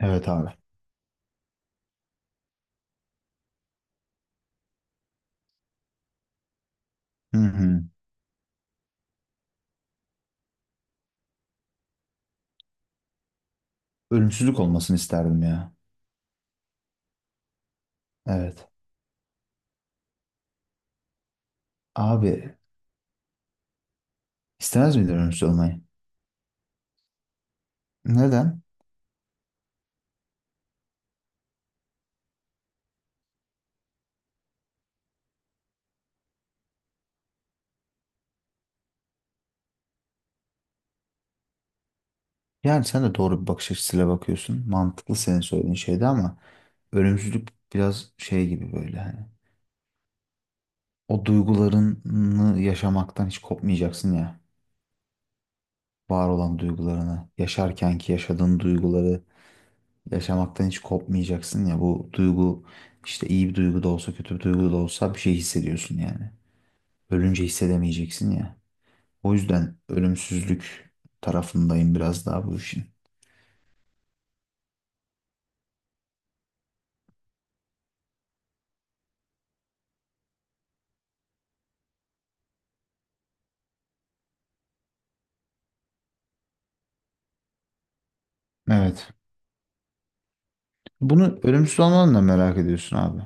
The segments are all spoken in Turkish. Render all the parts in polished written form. Evet abi. Hı hı. Ölümsüzlük olmasını isterdim ya. Evet. Abi, istemez miydin ölümsüz olmayı? Neden? Yani sen de doğru bir bakış açısıyla bakıyorsun. Mantıklı senin söylediğin şeyde ama ölümsüzlük biraz şey gibi böyle hani. O duygularını yaşamaktan hiç kopmayacaksın ya. Var olan duygularını, yaşarkenki yaşadığın duyguları yaşamaktan hiç kopmayacaksın ya. Bu duygu işte iyi bir duygu da olsa kötü bir duygu da olsa bir şey hissediyorsun yani. Ölünce hissedemeyeceksin ya. O yüzden ölümsüzlük tarafındayım biraz daha bu işin. Evet. Bunu ölümsüz olmanı da merak ediyorsun abi.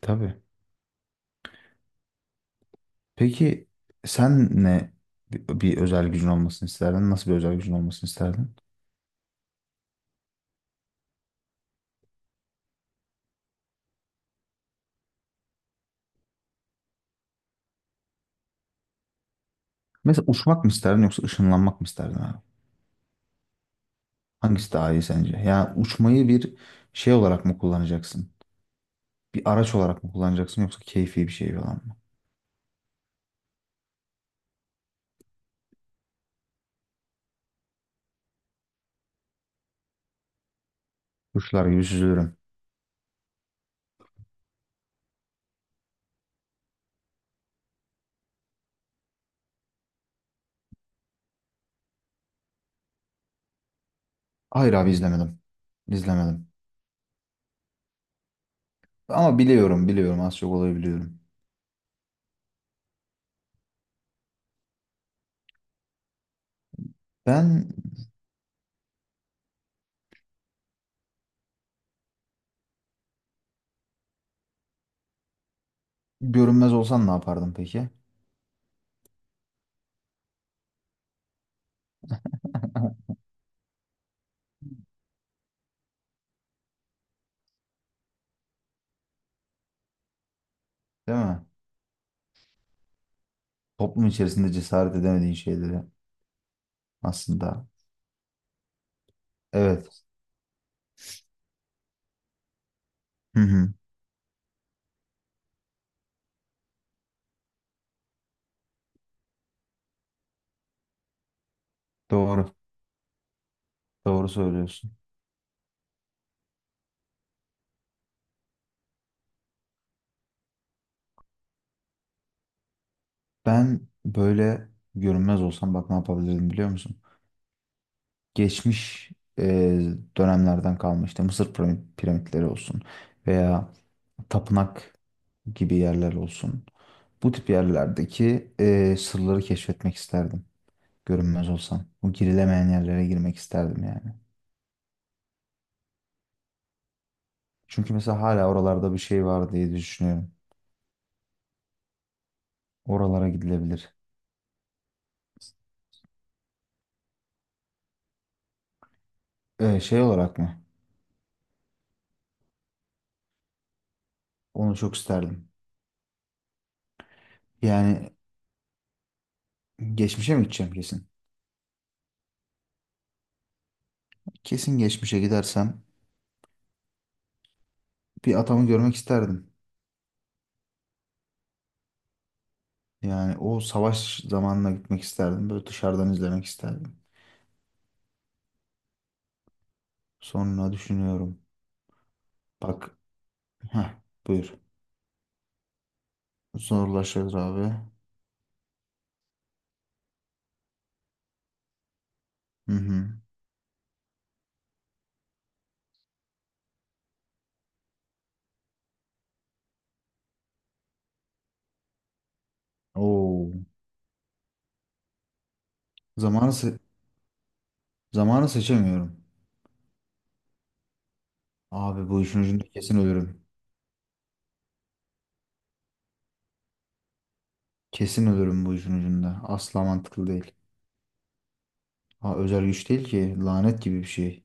Tabii. Peki sen ne bir özel gücün olmasını isterdin? Nasıl bir özel gücün olmasını isterdin? Mesela uçmak mı isterdin yoksa ışınlanmak mı isterdin abi? Hangisi daha iyi sence? Yani uçmayı bir şey olarak mı kullanacaksın? Bir araç olarak mı kullanacaksın yoksa keyfi bir şey falan mı? Kuşlar gibi süzülürüm. Hayır abi, izlemedim. İzlemedim. Ama biliyorum az çok olayı biliyorum. Ben görünmez olsan ne yapardın peki? Değil mi? Toplum içerisinde cesaret edemediğin şeyleri aslında. Evet. Hı hı. Doğru. Doğru söylüyorsun. Ben böyle görünmez olsam bak ne yapabilirdim biliyor musun? Geçmiş e, dönemlerden kalma işte Mısır piramitleri olsun veya tapınak gibi yerler olsun. Bu tip yerlerdeki sırları keşfetmek isterdim. Görünmez olsam. Bu girilemeyen yerlere girmek isterdim yani. Çünkü mesela hala oralarda bir şey var diye düşünüyorum. Oralara gidilebilir. Şey olarak mı? Onu çok isterdim. Yani geçmişe mi gideceğim kesin? Kesin geçmişe gidersem bir atamı görmek isterdim. Yani o savaş zamanına gitmek isterdim. Böyle dışarıdan izlemek isterdim. Sonra düşünüyorum. Bak, heh, buyur. Zorlaşır abi. Hı hı. Oo. Zamanı, se- zamanı seçemiyorum. Abi, bu işin ucunda kesin ölürüm. Kesin ölürüm bu işin ucunda. Asla mantıklı değil. Ha, özel güç değil ki. Lanet gibi bir şey.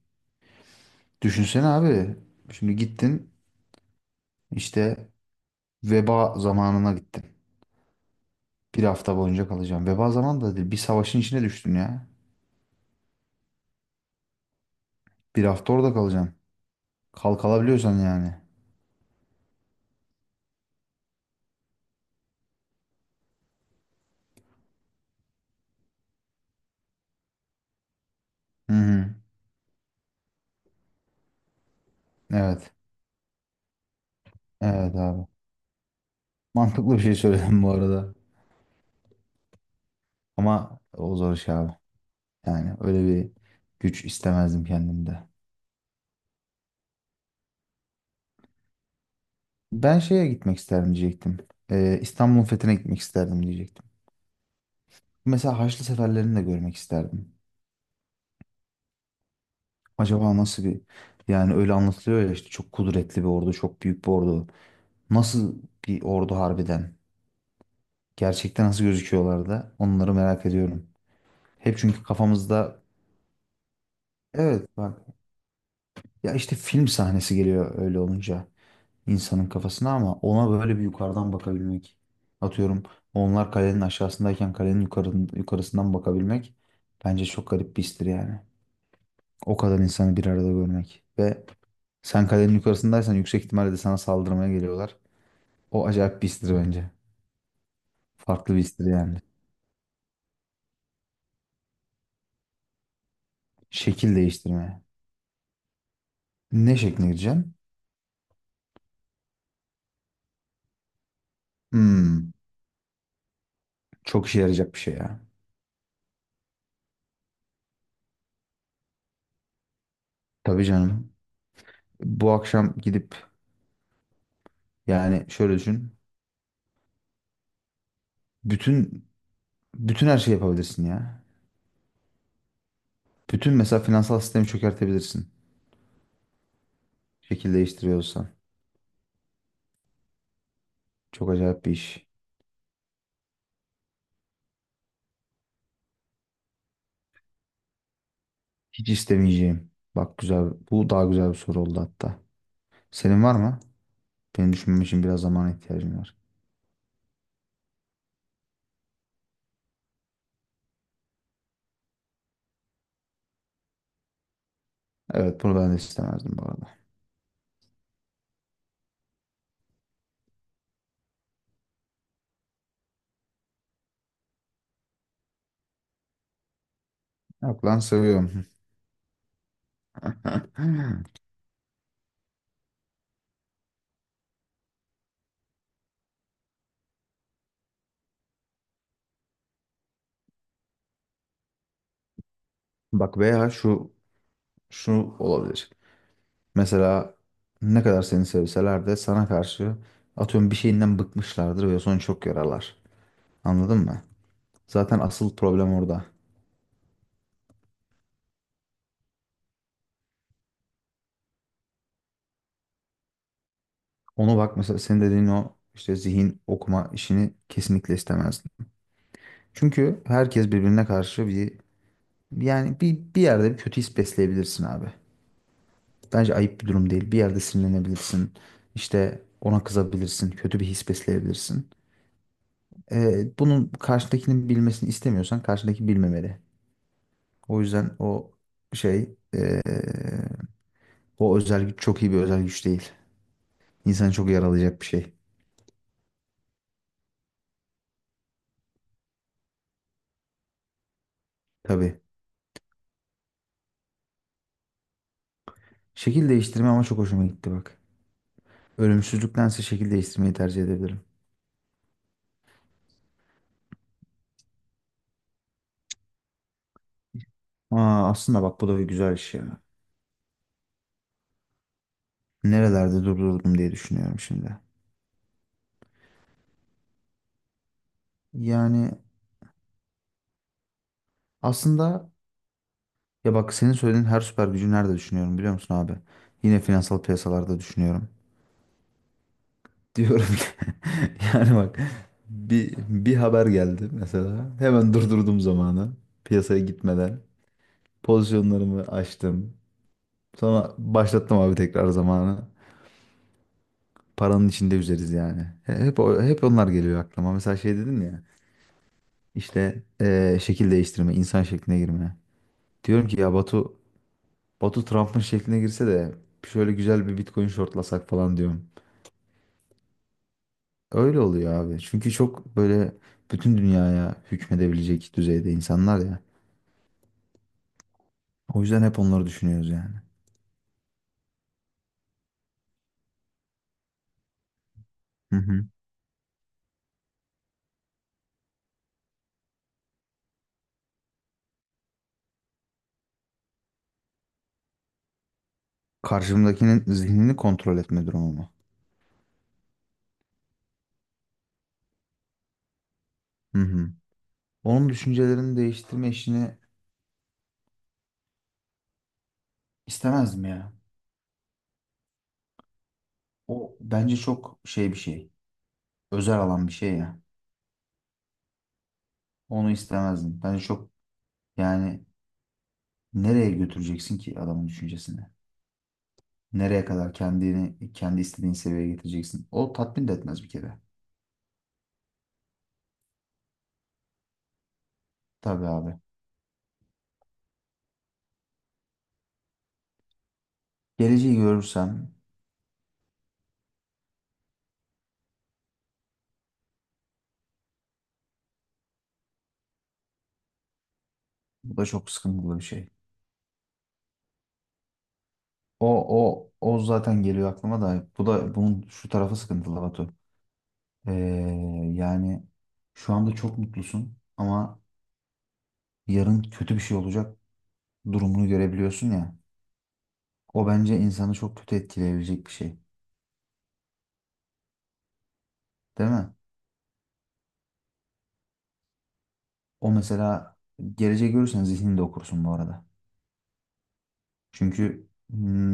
Düşünsene abi. Şimdi gittin, işte veba zamanına gittin. Bir hafta boyunca kalacaksın. Veba zamanı da değil. Bir savaşın içine düştün ya. Bir hafta orada kalacaksın. Kalkalabiliyorsan yani. Hı hı. Evet. Evet abi. Mantıklı bir şey söyledim bu arada. Ama o zor iş abi. Yani öyle bir güç istemezdim kendimde. Ben şeye gitmek isterdim diyecektim. İstanbul'un fethine gitmek isterdim diyecektim. Mesela Haçlı seferlerini de görmek isterdim. Acaba nasıl bir, yani öyle anlatılıyor ya işte çok kudretli bir ordu, çok büyük bir ordu. Nasıl bir ordu harbiden? Gerçekten nasıl gözüküyorlar, da onları merak ediyorum. Hep çünkü kafamızda, evet bak, ya işte film sahnesi geliyor öyle olunca insanın kafasına, ama ona böyle bir yukarıdan bakabilmek. Atıyorum, onlar kalenin aşağısındayken kalenin yukarısından bakabilmek bence çok garip bir histir yani. O kadar insanı bir arada görmek. Ve sen kalenin yukarısındaysan yüksek ihtimalle de sana saldırmaya geliyorlar. O acayip bir histir bence. Farklı bir histir yani. Şekil değiştirmeye. Ne şekline gireceğim? Hmm, çok işe yarayacak bir şey ya. Tabii canım. Bu akşam gidip, yani şöyle düşün. Bütün bütün her şeyi yapabilirsin ya. Bütün mesela finansal sistemi çökertebilirsin. Şekil değiştiriyorsan. Çok acayip bir iş. Hiç istemeyeceğim. Bak güzel. Bu daha güzel bir soru oldu hatta. Senin var mı? Benim düşünmem için biraz zamana ihtiyacım var. Evet, bunu ben de istemezdim bu arada. Yok lan, seviyorum. Bak, veya şu olabilir. Mesela ne kadar seni sevseler de sana karşı, atıyorum, bir şeyinden bıkmışlardır ve sonra çok yararlar. Anladın mı? Zaten asıl problem orada. Onu bak, mesela senin dediğin o işte zihin okuma işini kesinlikle istemezdim. Çünkü herkes birbirine karşı bir, yani bir yerde bir kötü his besleyebilirsin abi. Bence ayıp bir durum değil. Bir yerde sinirlenebilirsin. İşte ona kızabilirsin. Kötü bir his besleyebilirsin. Bunun karşıdakinin bilmesini istemiyorsan karşıdaki bilmemeli. O yüzden şey ee, o özel güç çok iyi bir özel güç değil. İnsanı çok yaralayacak bir şey. Tabii. Şekil değiştirme ama çok hoşuma gitti bak. Ölümsüzlüktense şekil değiştirmeyi tercih edebilirim. Aa, aslında bak, bu da bir güzel iş ya. Nerelerde durdurdum diye düşünüyorum şimdi. Yani aslında, ya bak, senin söylediğin her süper gücü nerede düşünüyorum biliyor musun abi? Yine finansal piyasalarda düşünüyorum. Diyorum ki yani bak, bir haber geldi mesela. Hemen durdurdum zamanı. Piyasaya gitmeden. Pozisyonlarımı açtım. Sonra başlattım abi tekrar zamanı. Paranın içinde üzeriz yani. Hep onlar geliyor aklıma. Mesela şey dedim ya, işte şekil değiştirme, insan şekline girme. Diyorum ki ya Batu, Batu Trump'ın şekline girse de şöyle güzel bir Bitcoin shortlasak falan diyorum. Öyle oluyor abi. Çünkü çok böyle bütün dünyaya hükmedebilecek düzeyde insanlar ya. O yüzden hep onları düşünüyoruz yani. Hı hı. Karşımdakinin zihnini kontrol etme durumu mu? Hı hı. Onun düşüncelerini değiştirme işini istemezdim ya. O bence çok şey bir şey. Özel alan bir şey ya. Onu istemezdim. Bence çok, yani nereye götüreceksin ki adamın düşüncesini? Nereye kadar kendini kendi istediğin seviyeye getireceksin? O tatmin de etmez bir kere. Tabii abi. Geleceği görürsem bu da çok sıkıntılı bir şey. O zaten geliyor aklıma da bu da bunun şu tarafı sıkıntılı Batu. Ee, yani şu anda çok mutlusun ama yarın kötü bir şey olacak durumunu görebiliyorsun ya. O bence insanı çok kötü etkileyebilecek bir şey. Değil mi? O mesela geleceği görürsen zihnini okursun bu arada. Çünkü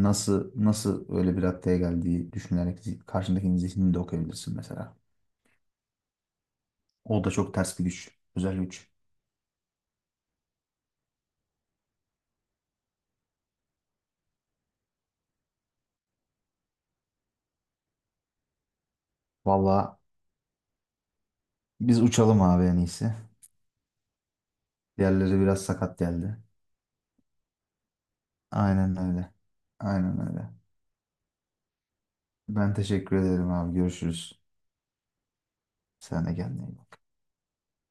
nasıl öyle bir raddeye geldiği düşünerek karşındakinin zihnini de okuyabilirsin mesela. O da çok ters bir güç, özel güç. Vallahi, biz uçalım abi en iyisi. Diğerleri biraz sakat geldi. Aynen öyle. Aynen öyle. Ben teşekkür ederim abi. Görüşürüz. Sen de kendine iyi bak.